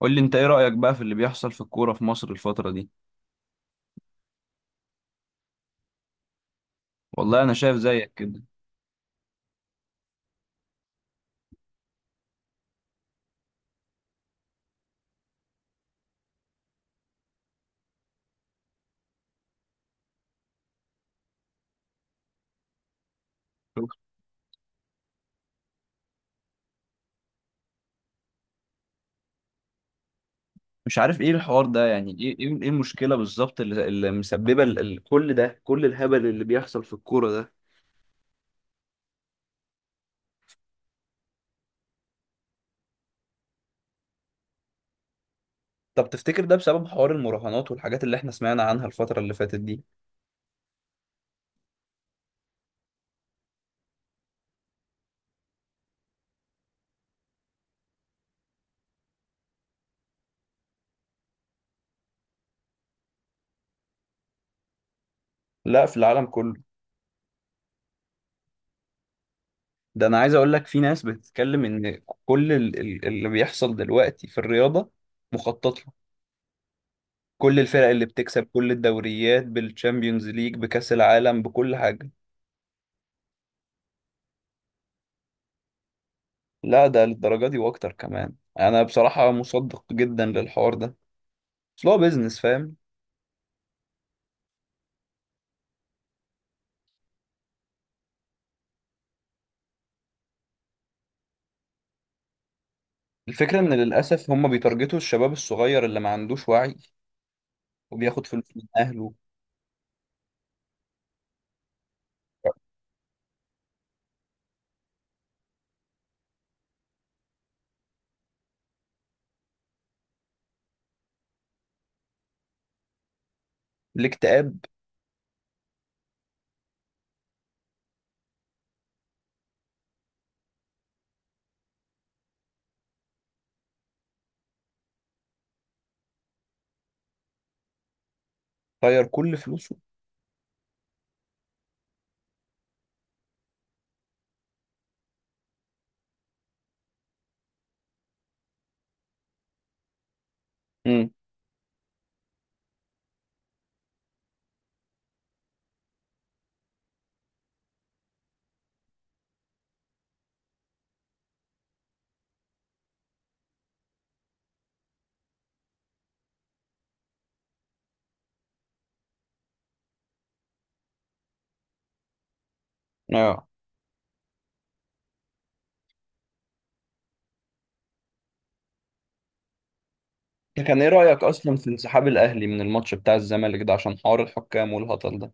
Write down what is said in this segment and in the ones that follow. قول لي انت ايه رأيك بقى في اللي بيحصل في الكورة في مصر الفترة دي؟ والله انا شايف زيك كده. مش عارف ايه الحوار ده. يعني ايه ايه إيه المشكلة بالظبط اللي مسببة كل الهبل اللي بيحصل في الكورة ده؟ طب تفتكر ده بسبب حوار المراهنات والحاجات اللي احنا سمعنا عنها الفترة اللي فاتت دي؟ لا، في العالم كله. ده انا عايز اقول لك في ناس بتتكلم ان كل اللي بيحصل دلوقتي في الرياضة مخطط له. كل الفرق اللي بتكسب كل الدوريات بالتشامبيونز ليج بكأس العالم بكل حاجة. لا، ده للدرجة دي واكتر كمان. انا بصراحة مصدق جدا للحوار ده. اصل هو بيزنس، فاهم. الفكرة ان للأسف هم بيتارجتوا الشباب الصغير اللي ما عندوش وعي وبياخد فلوس من اهله. الاكتئاب. طير كل فلوسه. امم. اه. انت كان ايه رأيك اصلا في انسحاب الاهلي من الماتش بتاع الزمالك ده عشان حوار الحكام والهطل ده؟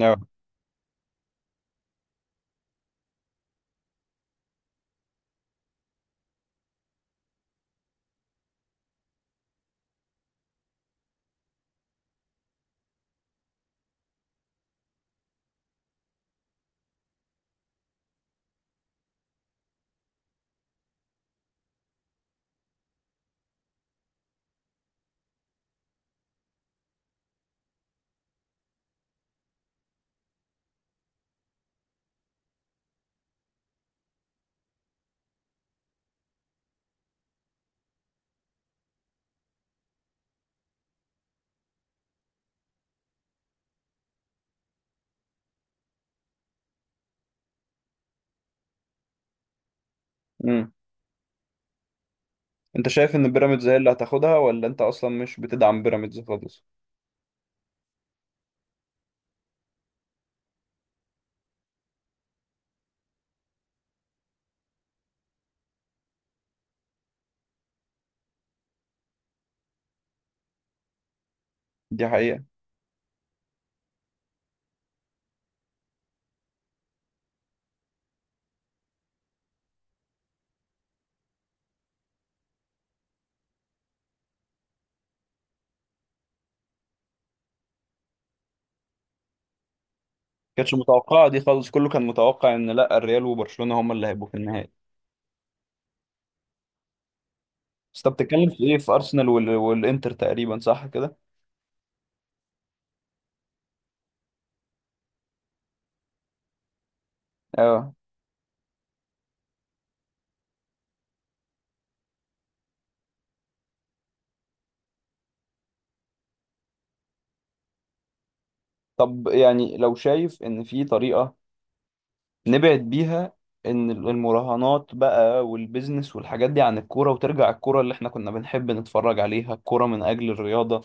اه. امم. انت شايف ان بيراميدز هي اللي هتاخدها ولا انت اصلا مش بتدعم بيراميدز خالص؟ دي حقيقة. كانتش متوقعة دي خالص. كله كان متوقع ان لا الريال وبرشلونة هما اللي هيبقوا في النهائي. بس انت بتتكلم في ايه، في ارسنال والانتر تقريبا، صح كده؟ اه. طب يعني لو شايف ان في طريقة نبعد بيها ان المراهنات بقى والبيزنس والحاجات دي عن الكورة، وترجع الكورة اللي احنا كنا بنحب نتفرج عليها، الكورة من اجل الرياضة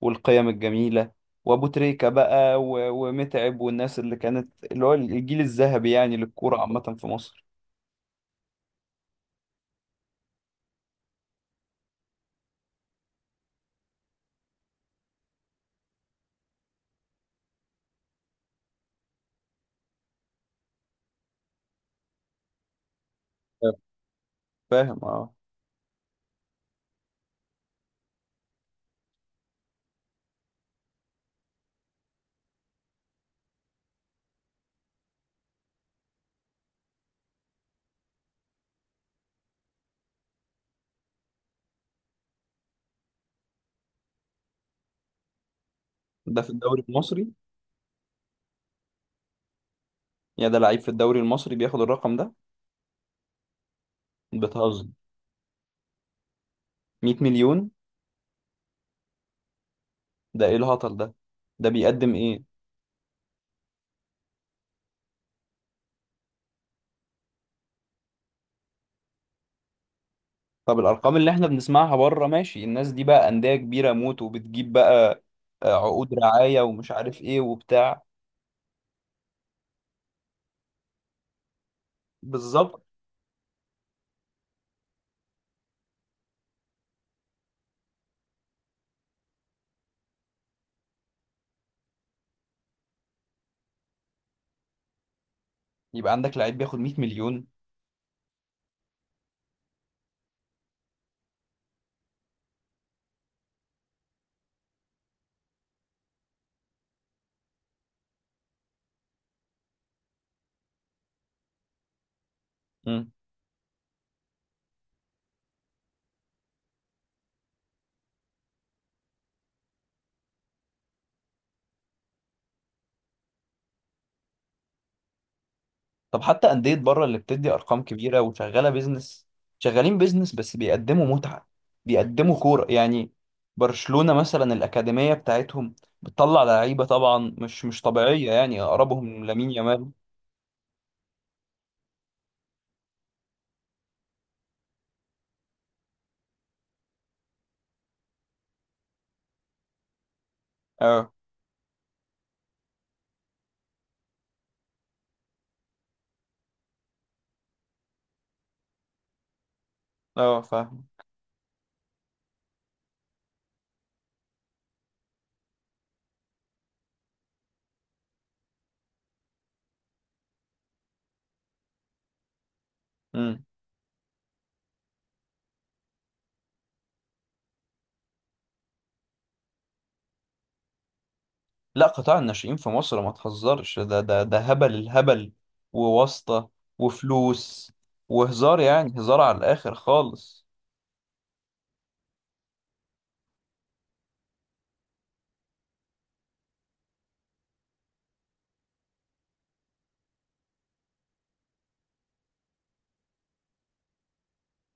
والقيم الجميلة، وابو تريكة بقى ومتعب والناس اللي كانت اللي هو الجيل الذهبي يعني للكورة عامة في مصر. اه. فاهم اه. ده في الدوري المصري؟ يا ده، لعيب في الدوري المصري بياخد الرقم ده؟ بتهزر. 100 مليون؟ ده ايه الهطل ده؟ ده بيقدم ايه؟ طب الارقام اللي احنا بنسمعها بره ماشي، الناس دي بقى انديه كبيره موت وبتجيب بقى عقود رعايه ومش عارف ايه وبتاع. بالظبط. يبقى عندك لعيب بياخد 100 مليون؟ مم. طب حتى انديه بره اللي بتدي ارقام كبيره وشغاله بيزنس، شغالين بيزنس بس بيقدموا متعه، بيقدموا كوره يعني. برشلونه مثلا الاكاديميه بتاعتهم بتطلع لعيبه طبعا مش طبيعيه، يعني اقربهم لامين يامال. اه. اه، فاهم. لا، قطاع الناشئين في مصر ما تهزرش، ده هبل الهبل. وواسطة. وفلوس. وهزار، يعني هزار على الآخر خالص.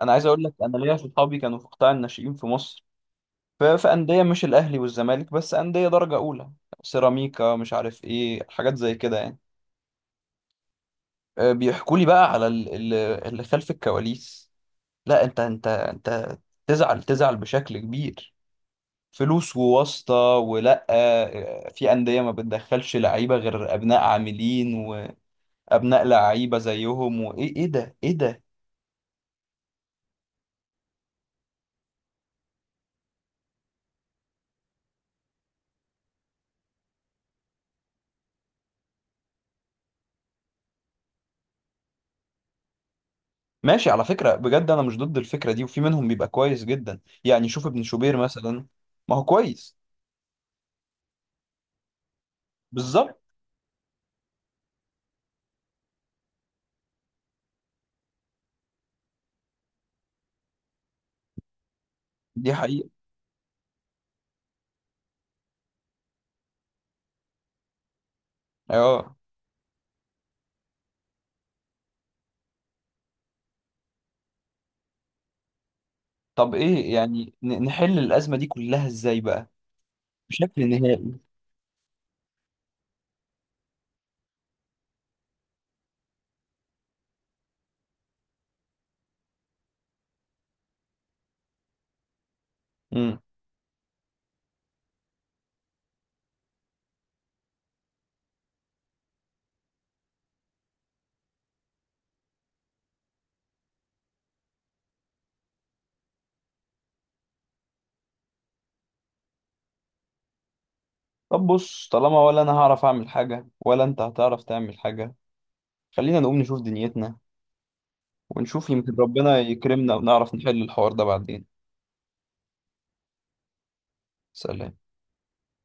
أنا عايز أقول لك أنا ليا صحابي كانوا في قطاع الناشئين في مصر. في أندية مش الأهلي والزمالك بس، أندية درجة أولى، سيراميكا مش عارف إيه، حاجات زي كده يعني. بيحكوا لي بقى على اللي خلف الكواليس. لا، أنت تزعل، تزعل بشكل كبير. فلوس وواسطة، ولا في أندية ما بتدخلش لعيبة غير أبناء عاملين وأبناء لعيبة زيهم. وإيه إيه إيه ده إيه ده. ماشي، على فكرة بجد أنا مش ضد الفكرة دي، وفي منهم بيبقى كويس جدا يعني. شوف ابن شوبير مثلا. ما هو كويس. بالظبط. دي حقيقة. اه. طب إيه يعني، نحل الأزمة دي كلها إزاي بقى؟ بشكل نهائي. مم. طب بص، طالما ولا أنا هعرف أعمل حاجة ولا أنت هتعرف تعمل حاجة، خلينا نقوم نشوف دنيتنا، ونشوف يمكن ربنا يكرمنا ونعرف نحل الحوار ده بعدين. سلام.